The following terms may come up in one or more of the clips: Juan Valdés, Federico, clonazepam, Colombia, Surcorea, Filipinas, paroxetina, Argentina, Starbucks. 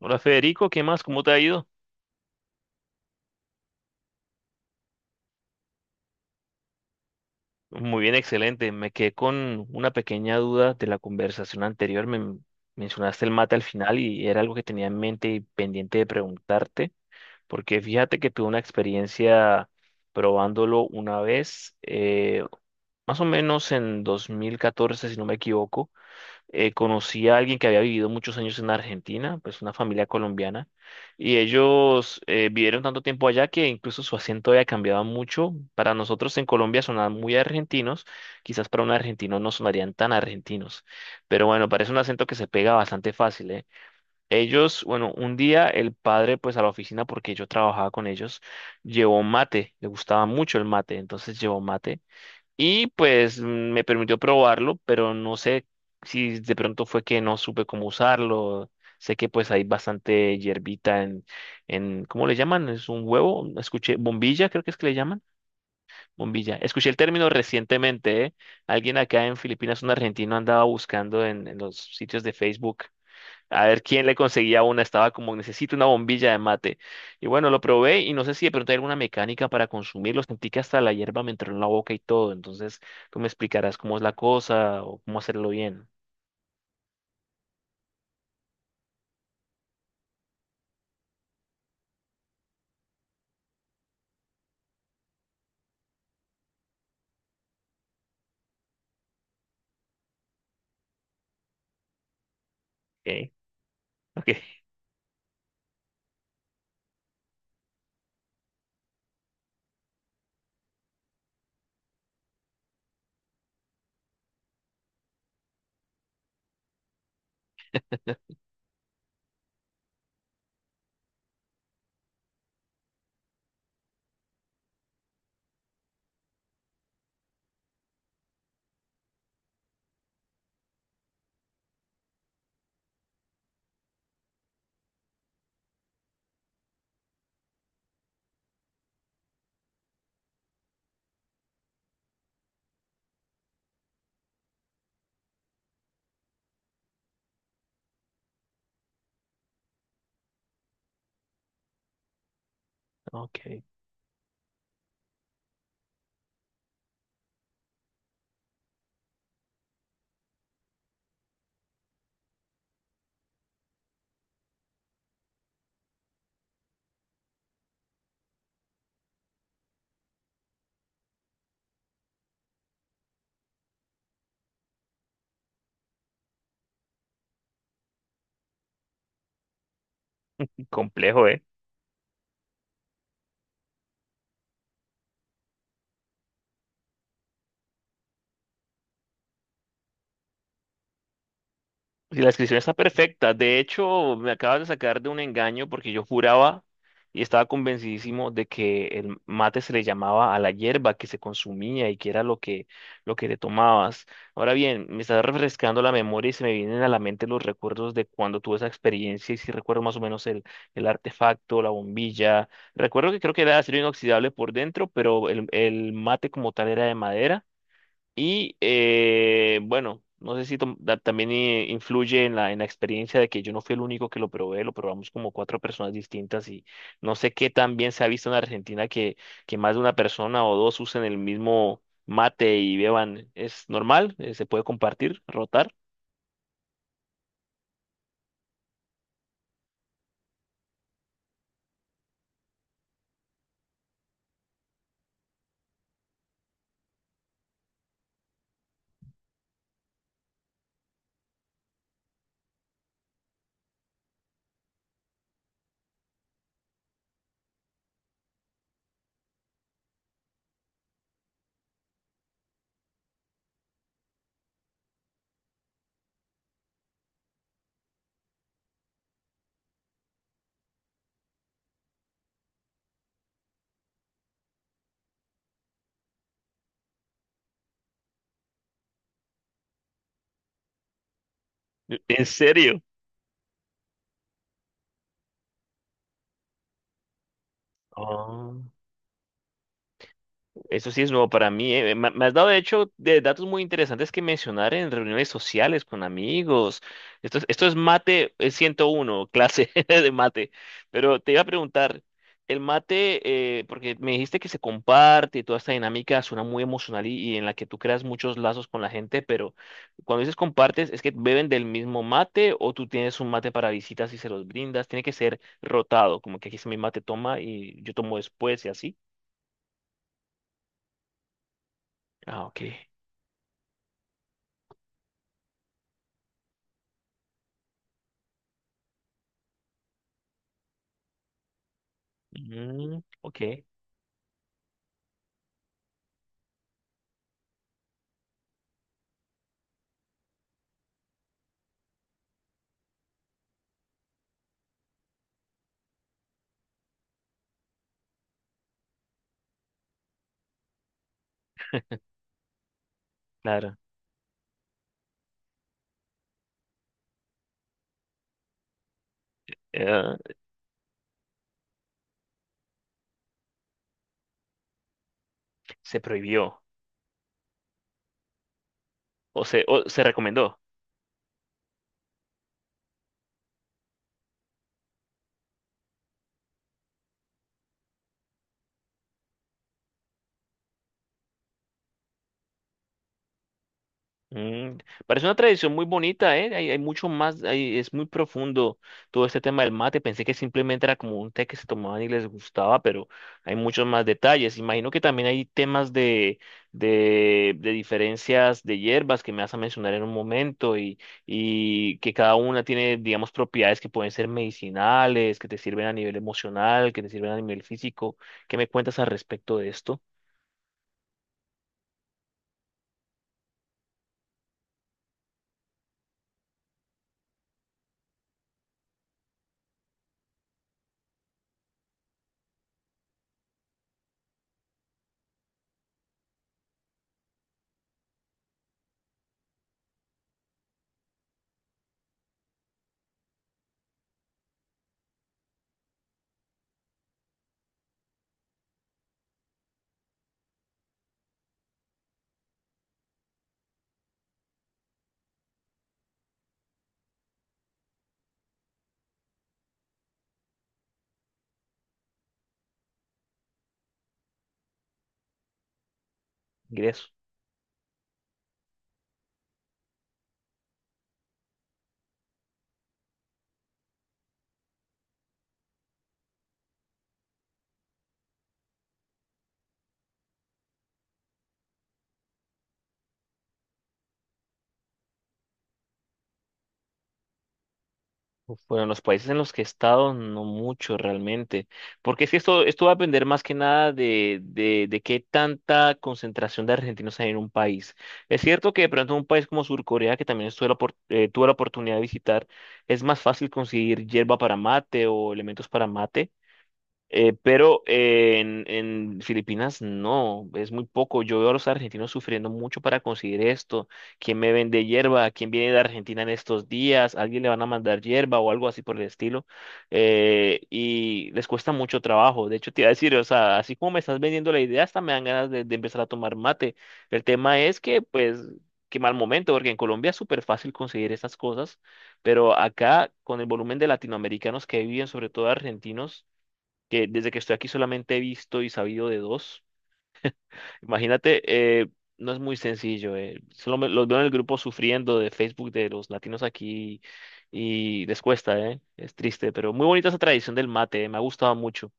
Hola Federico, ¿qué más? ¿Cómo te ha ido? Muy bien, excelente. Me quedé con una pequeña duda de la conversación anterior. Me mencionaste el mate al final y era algo que tenía en mente y pendiente de preguntarte, porque fíjate que tuve una experiencia probándolo una vez, más o menos en 2014, si no me equivoco. Conocí a alguien que había vivido muchos años en Argentina, pues una familia colombiana, y ellos vivieron tanto tiempo allá que incluso su acento había cambiado mucho. Para nosotros en Colombia sonaban muy argentinos, quizás para un argentino no sonarían tan argentinos, pero bueno, parece un acento que se pega bastante fácil, ¿eh? Ellos, bueno, un día el padre, pues a la oficina, porque yo trabajaba con ellos, llevó mate, le gustaba mucho el mate, entonces llevó mate. Y pues me permitió probarlo, pero no sé si de pronto fue que no supe cómo usarlo. Sé que pues hay bastante hierbita en, ¿cómo le llaman? Es un huevo, escuché, bombilla, creo que es que le llaman, bombilla. Escuché el término recientemente, ¿eh? Alguien acá en Filipinas, un argentino, andaba buscando en los sitios de Facebook a ver quién le conseguía una. Estaba como, necesito una bombilla de mate. Y bueno, lo probé y no sé si de pronto hay alguna mecánica para consumirlo. Sentí que hasta la hierba me entró en la boca y todo. Entonces, tú me explicarás cómo es la cosa o cómo hacerlo bien. Ok, ok, ok. Complejo, ¿eh? Si la descripción está perfecta. De hecho, me acabas de sacar de un engaño porque yo juraba y estaba convencidísimo de que el mate se le llamaba a la hierba que se consumía y que era lo que le tomabas. Ahora bien, me está refrescando la memoria y se me vienen a la mente los recuerdos de cuando tuve esa experiencia y sí recuerdo más o menos el artefacto, la bombilla. Recuerdo que creo que era de acero inoxidable por dentro, pero el mate como tal era de madera. Y bueno, no sé si también influye en la experiencia de que yo no fui el único que lo probé, lo probamos como cuatro personas distintas y no sé qué tan bien se ha visto en Argentina que más de una persona o dos usen el mismo mate y beban. ¿Es normal? ¿Se puede compartir, rotar? ¿En serio? Oh. Eso sí es nuevo para mí. Eh. Me has dado, de hecho, de datos muy interesantes que mencionar en reuniones sociales con amigos. Esto es mate, 101 clase de mate. Pero te iba a preguntar, el mate, porque me dijiste que se comparte y toda esta dinámica suena muy emocional y en la que tú creas muchos lazos con la gente, pero cuando dices compartes, ¿es que beben del mismo mate o tú tienes un mate para visitas y se los brindas? Tiene que ser rotado, como que aquí es mi mate, toma y yo tomo después y así. Ah, ok. Mm, ok, claro. Eh, se prohibió o se recomendó. Mm, parece una tradición muy bonita, ¿eh? Hay mucho más, hay- es muy profundo todo este tema del mate. Pensé que simplemente era como un té que se tomaban y les gustaba, pero hay muchos más detalles. Imagino que también hay temas de diferencias de hierbas que me vas a mencionar en un momento y que cada una tiene, digamos, propiedades que pueden ser medicinales, que te sirven a nivel emocional, que te sirven a nivel físico. ¿Qué me cuentas al respecto de esto? ¿Ingreso? Uf, bueno, en los países en los que he estado, no mucho realmente, porque es que esto va a depender más que nada de qué tanta concentración de argentinos hay en un país. Es cierto que de pronto un país como Surcorea, que también estuve tuve la oportunidad de visitar, es más fácil conseguir yerba para mate o elementos para mate, pero en Filipinas no, es muy poco. Yo veo a los argentinos sufriendo mucho para conseguir esto. ¿Quién me vende hierba? ¿Quién viene de Argentina en estos días? ¿Alguien le van a mandar hierba o algo así por el estilo? Y les cuesta mucho trabajo. De hecho, te iba a decir, o sea, así como me estás vendiendo la idea, hasta me dan ganas de empezar a tomar mate. El tema es que, pues, qué mal momento, porque en Colombia es súper fácil conseguir estas cosas, pero acá, con el volumen de latinoamericanos que viven, sobre todo argentinos, que desde que estoy aquí solamente he visto y sabido de dos. Imagínate, eh, no es muy sencillo. Solo los veo en el grupo sufriendo de Facebook de los latinos aquí y les cuesta, ¿eh? Es triste, pero muy bonita esa tradición del mate, eh. Me ha gustado mucho.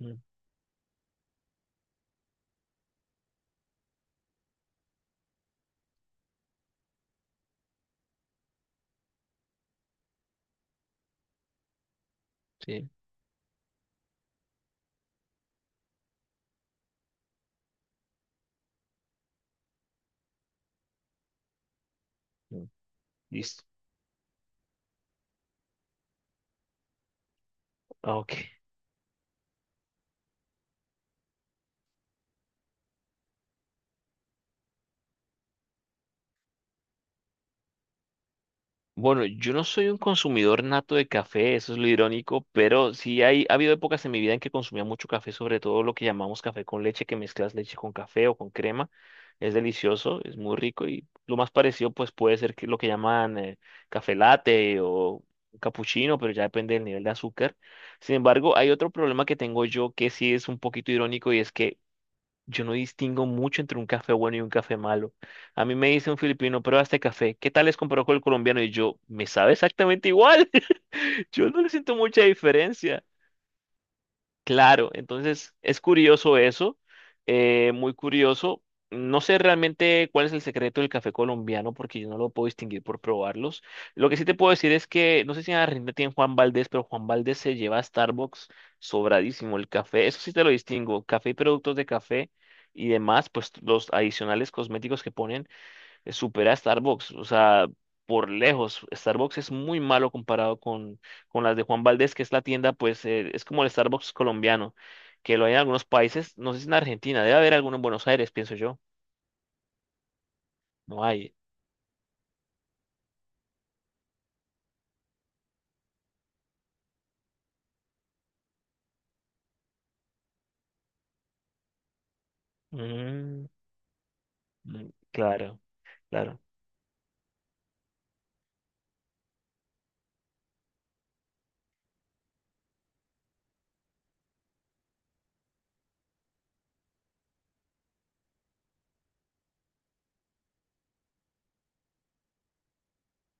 Mm. Sí. Mm. Listo. Ah, ok. Bueno, yo no soy un consumidor nato de café, eso es lo irónico, pero sí hay, ha habido épocas en mi vida en que consumía mucho café, sobre todo lo que llamamos café con leche, que mezclas leche con café o con crema. Es delicioso, es muy rico y lo más parecido pues puede ser que lo que llaman, café latte o capuchino, pero ya depende del nivel de azúcar. Sin embargo, hay otro problema que tengo yo que sí es un poquito irónico y es que yo no distingo mucho entre un café bueno y un café malo. A mí me dice un filipino, prueba este café. ¿Qué tal es comparado con el colombiano? Y yo, me sabe exactamente igual. Yo no le siento mucha diferencia. Claro, entonces es curioso eso, muy curioso. No sé realmente cuál es el secreto del café colombiano porque yo no lo puedo distinguir por probarlos. Lo que sí te puedo decir es que no sé si en Argentina tienen Juan Valdés, pero Juan Valdés se lleva a Starbucks sobradísimo el café. Eso sí te lo distingo. Café y productos de café y demás, pues los adicionales cosméticos que ponen supera a Starbucks, o sea, por lejos, Starbucks es muy malo comparado con las de Juan Valdez, que es la tienda, pues es como el Starbucks colombiano, que lo hay en algunos países, no sé si en Argentina, debe haber alguno en Buenos Aires, pienso yo, no hay. Mm, mm, claro, claro.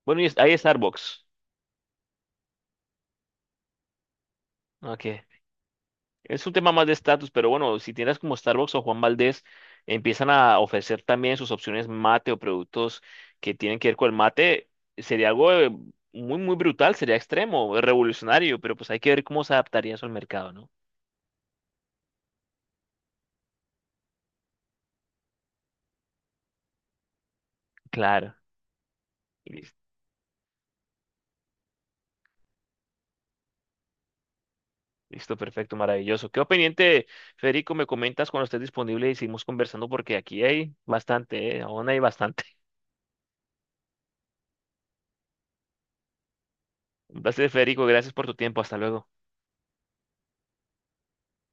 Bueno, y es- hay Starbucks, ok. Es un tema más de estatus, pero bueno, si tienes como Starbucks o Juan Valdez, empiezan a ofrecer también sus opciones mate o productos que tienen que ver con el mate, sería algo, muy, muy brutal, sería extremo, revolucionario, pero pues hay que ver cómo se adaptaría eso al mercado, ¿no? Claro. Listo, listo, perfecto, maravilloso. Quedo pendiente, Federico, me comentas cuando estés disponible y seguimos conversando porque aquí hay bastante, ¿eh? Aún hay bastante. Un placer, Federico, gracias por tu tiempo, hasta luego.